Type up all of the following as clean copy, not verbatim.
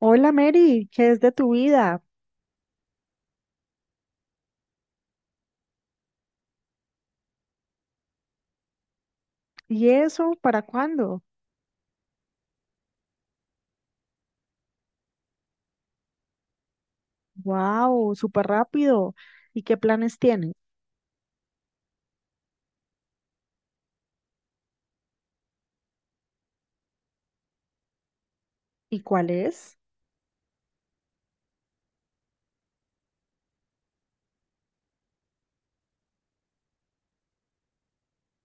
Hola Mary, ¿qué es de tu vida? ¿Y eso para cuándo? ¡Wow! Súper rápido. ¿Y qué planes tienes? ¿Y cuál es?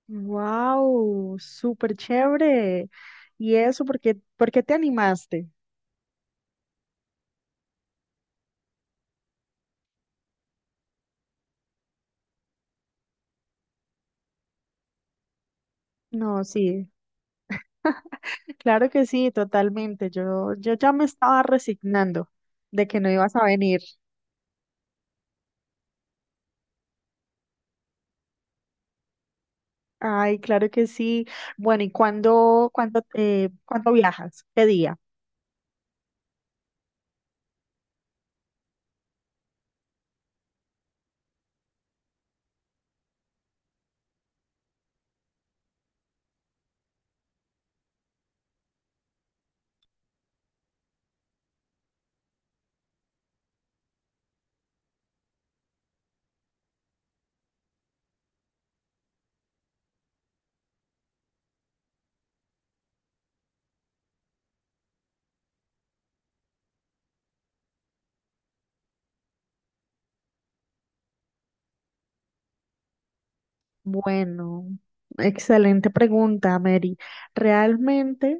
¡Wow! Súper chévere. ¿Y eso por qué te animaste? No, sí, claro que sí, totalmente. Yo ya me estaba resignando de que no ibas a venir. Ay, claro que sí. Bueno, ¿y cuándo viajas? ¿Qué día? Bueno, excelente pregunta, Mary. Realmente,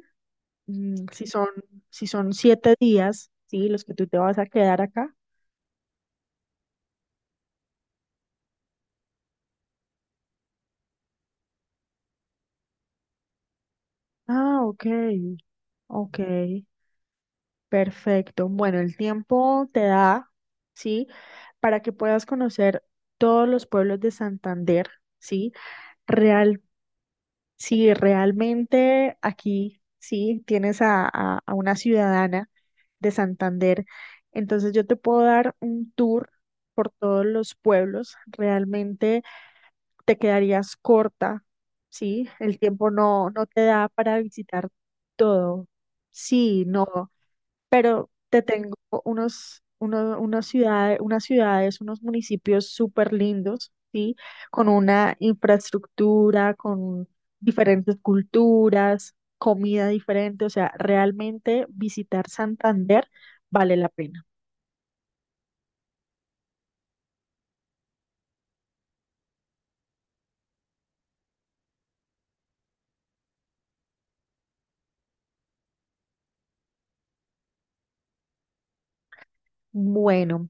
mm, si son, si son 7 días, ¿sí? Los que tú te vas a quedar acá. Ah, ok, ok, perfecto. Bueno, el tiempo te da, ¿sí? Para que puedas conocer todos los pueblos de Santander, ¿sí? Real. Si realmente aquí, sí, tienes a una ciudadana de Santander, entonces yo te puedo dar un tour por todos los pueblos. Realmente te quedarías corta, sí, el tiempo no te da para visitar todo. Sí, no, pero te tengo unas ciudades, unos municipios súper lindos, ¿sí? Con una infraestructura, con diferentes culturas, comida diferente, o sea, realmente visitar Santander vale la pena. Bueno,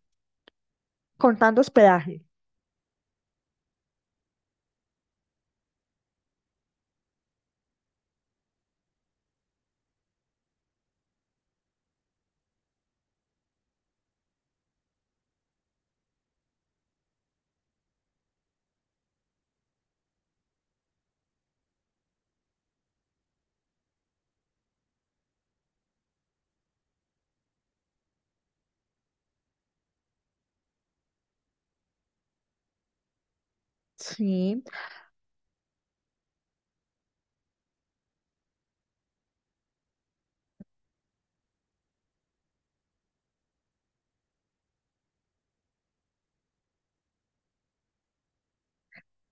contando hospedaje. Sí,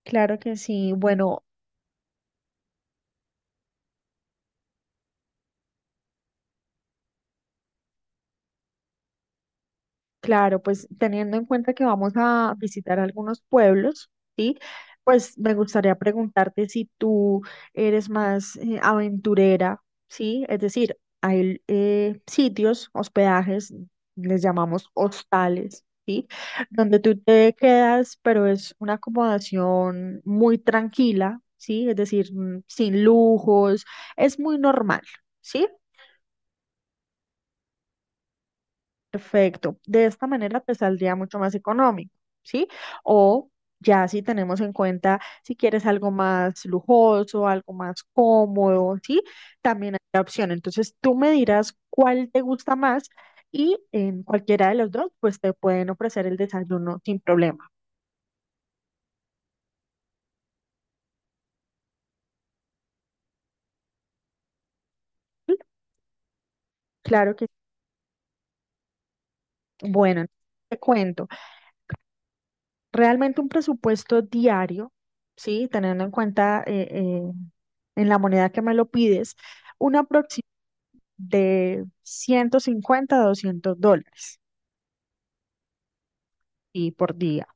claro que sí. Bueno, claro, pues teniendo en cuenta que vamos a visitar algunos pueblos, ¿sí? Pues me gustaría preguntarte si tú eres más aventurera, ¿sí? Es decir, hay sitios, hospedajes, les llamamos hostales, ¿sí? Donde tú te quedas, pero es una acomodación muy tranquila, ¿sí? Es decir, sin lujos, es muy normal, ¿sí? Perfecto. De esta manera te saldría mucho más económico, ¿sí? O ya si tenemos en cuenta si quieres algo más lujoso, algo más cómodo, ¿sí? También hay la opción. Entonces tú me dirás cuál te gusta más y en cualquiera de los dos, pues te pueden ofrecer el desayuno sin problema. ¿Sí? Claro que sí. Bueno, Te cuento. Realmente un presupuesto diario, ¿sí? Teniendo en cuenta en la moneda que me lo pides, un aproximado de 150 a $200 y por día.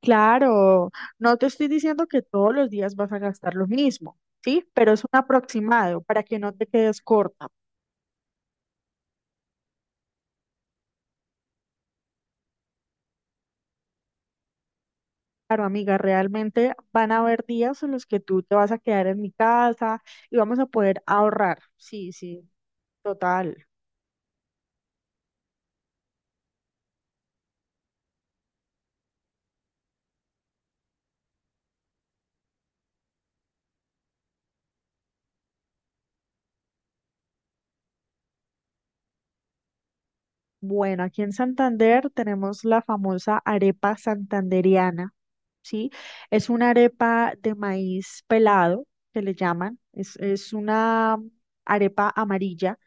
Claro, no te estoy diciendo que todos los días vas a gastar lo mismo, ¿sí? Pero es un aproximado para que no te quedes corta. Claro, amiga, realmente van a haber días en los que tú te vas a quedar en mi casa y vamos a poder ahorrar. Sí, sí, total. Bueno, aquí en Santander tenemos la famosa arepa santanderiana, ¿sí? Es una arepa de maíz pelado, que le llaman. Es una arepa amarilla,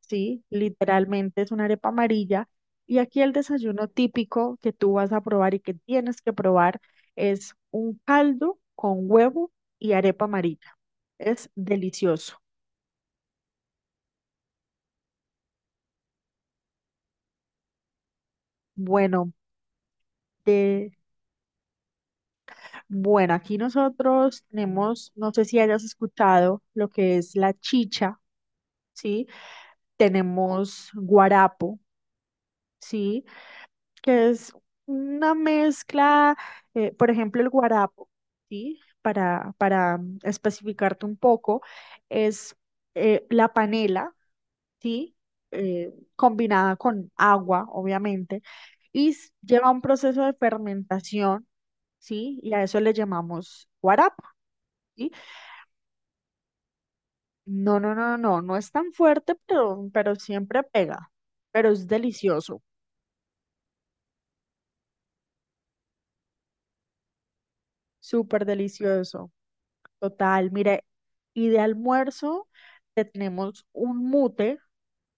¿sí? Literalmente es una arepa amarilla. Y aquí el desayuno típico que tú vas a probar y que tienes que probar es un caldo con huevo y arepa amarilla. Es delicioso. Bueno, Bueno, aquí nosotros tenemos, no sé si hayas escuchado lo que es la chicha, ¿sí? Tenemos guarapo, ¿sí? Que es una mezcla, por ejemplo, el guarapo, ¿sí? Para especificarte un poco, es la panela, ¿sí? Combinada con agua, obviamente, y lleva un proceso de fermentación, ¿sí? Y a eso le llamamos guarapo. ¿Sí? No, no, no, no, no es tan fuerte, pero siempre pega. Pero es delicioso, súper delicioso. Total, mire, y de almuerzo te tenemos un mute,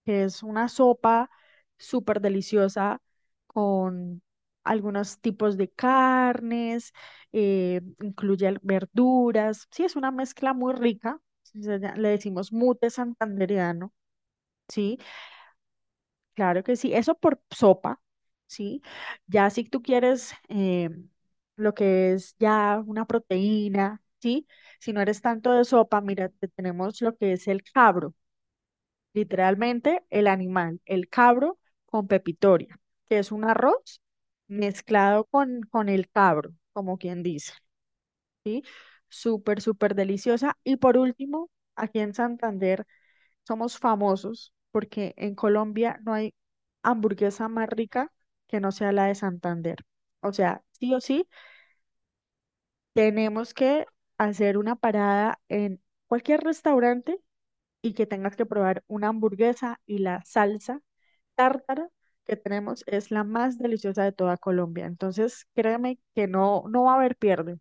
que es una sopa súper deliciosa con algunos tipos de carnes, incluye verduras. Sí, es una mezcla muy rica. Le decimos mute santandereano, ¿sí? Claro que sí, eso por sopa, ¿sí? Ya si tú quieres lo que es ya una proteína, ¿sí? Si no eres tanto de sopa, mira, te tenemos lo que es el cabro, literalmente el animal, el cabro con pepitoria, que es un arroz mezclado con el cabro, como quien dice, ¿sí? Súper, súper deliciosa. Y por último, aquí en Santander, somos famosos porque en Colombia no hay hamburguesa más rica que no sea la de Santander. O sea, sí o sí, tenemos que hacer una parada en cualquier restaurante y que tengas que probar una hamburguesa, y la salsa tártara que tenemos es la más deliciosa de toda Colombia. Entonces, créeme que no va a haber pierde.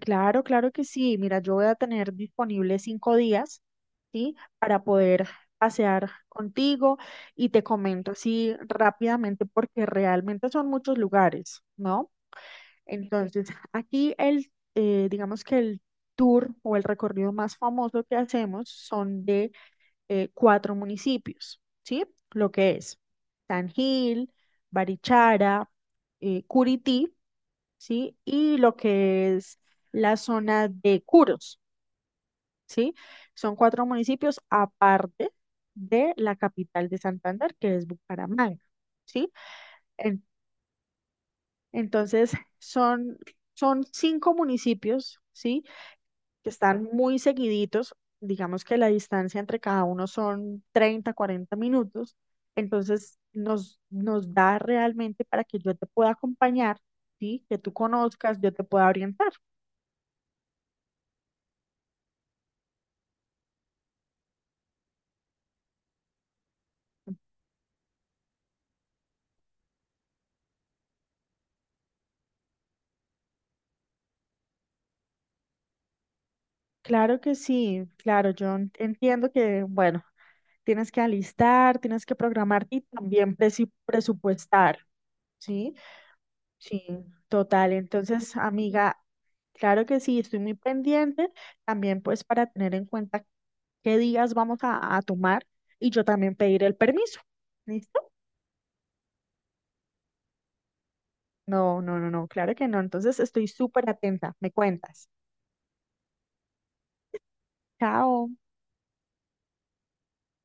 Claro, claro que sí. Mira, yo voy a tener disponible 5 días, ¿sí? Para poder pasear contigo y te comento así rápidamente porque realmente son muchos lugares, ¿no? Entonces, aquí el, digamos que el tour o el recorrido más famoso que hacemos son de 4 municipios, ¿sí? Lo que es San Gil, Barichara, Curití, ¿sí? Y lo que es la zona de Curos, ¿sí? Son 4 municipios aparte de la capital de Santander, que es Bucaramanga, ¿sí? En- entonces, son, son 5 municipios, ¿sí? Que están muy seguiditos, digamos que la distancia entre cada uno son 30, 40 minutos, entonces nos da realmente para que yo te pueda acompañar, ¿sí? Que tú conozcas, yo te pueda orientar. Claro que sí, claro, yo entiendo que, bueno, tienes que alistar, tienes que programar y también presupuestar, ¿sí? Sí, total. Entonces, amiga, claro que sí, estoy muy pendiente también pues para tener en cuenta qué días vamos a tomar y yo también pedir el permiso, ¿listo? No, no, no, no, claro que no. Entonces, estoy súper atenta, me cuentas. Chao.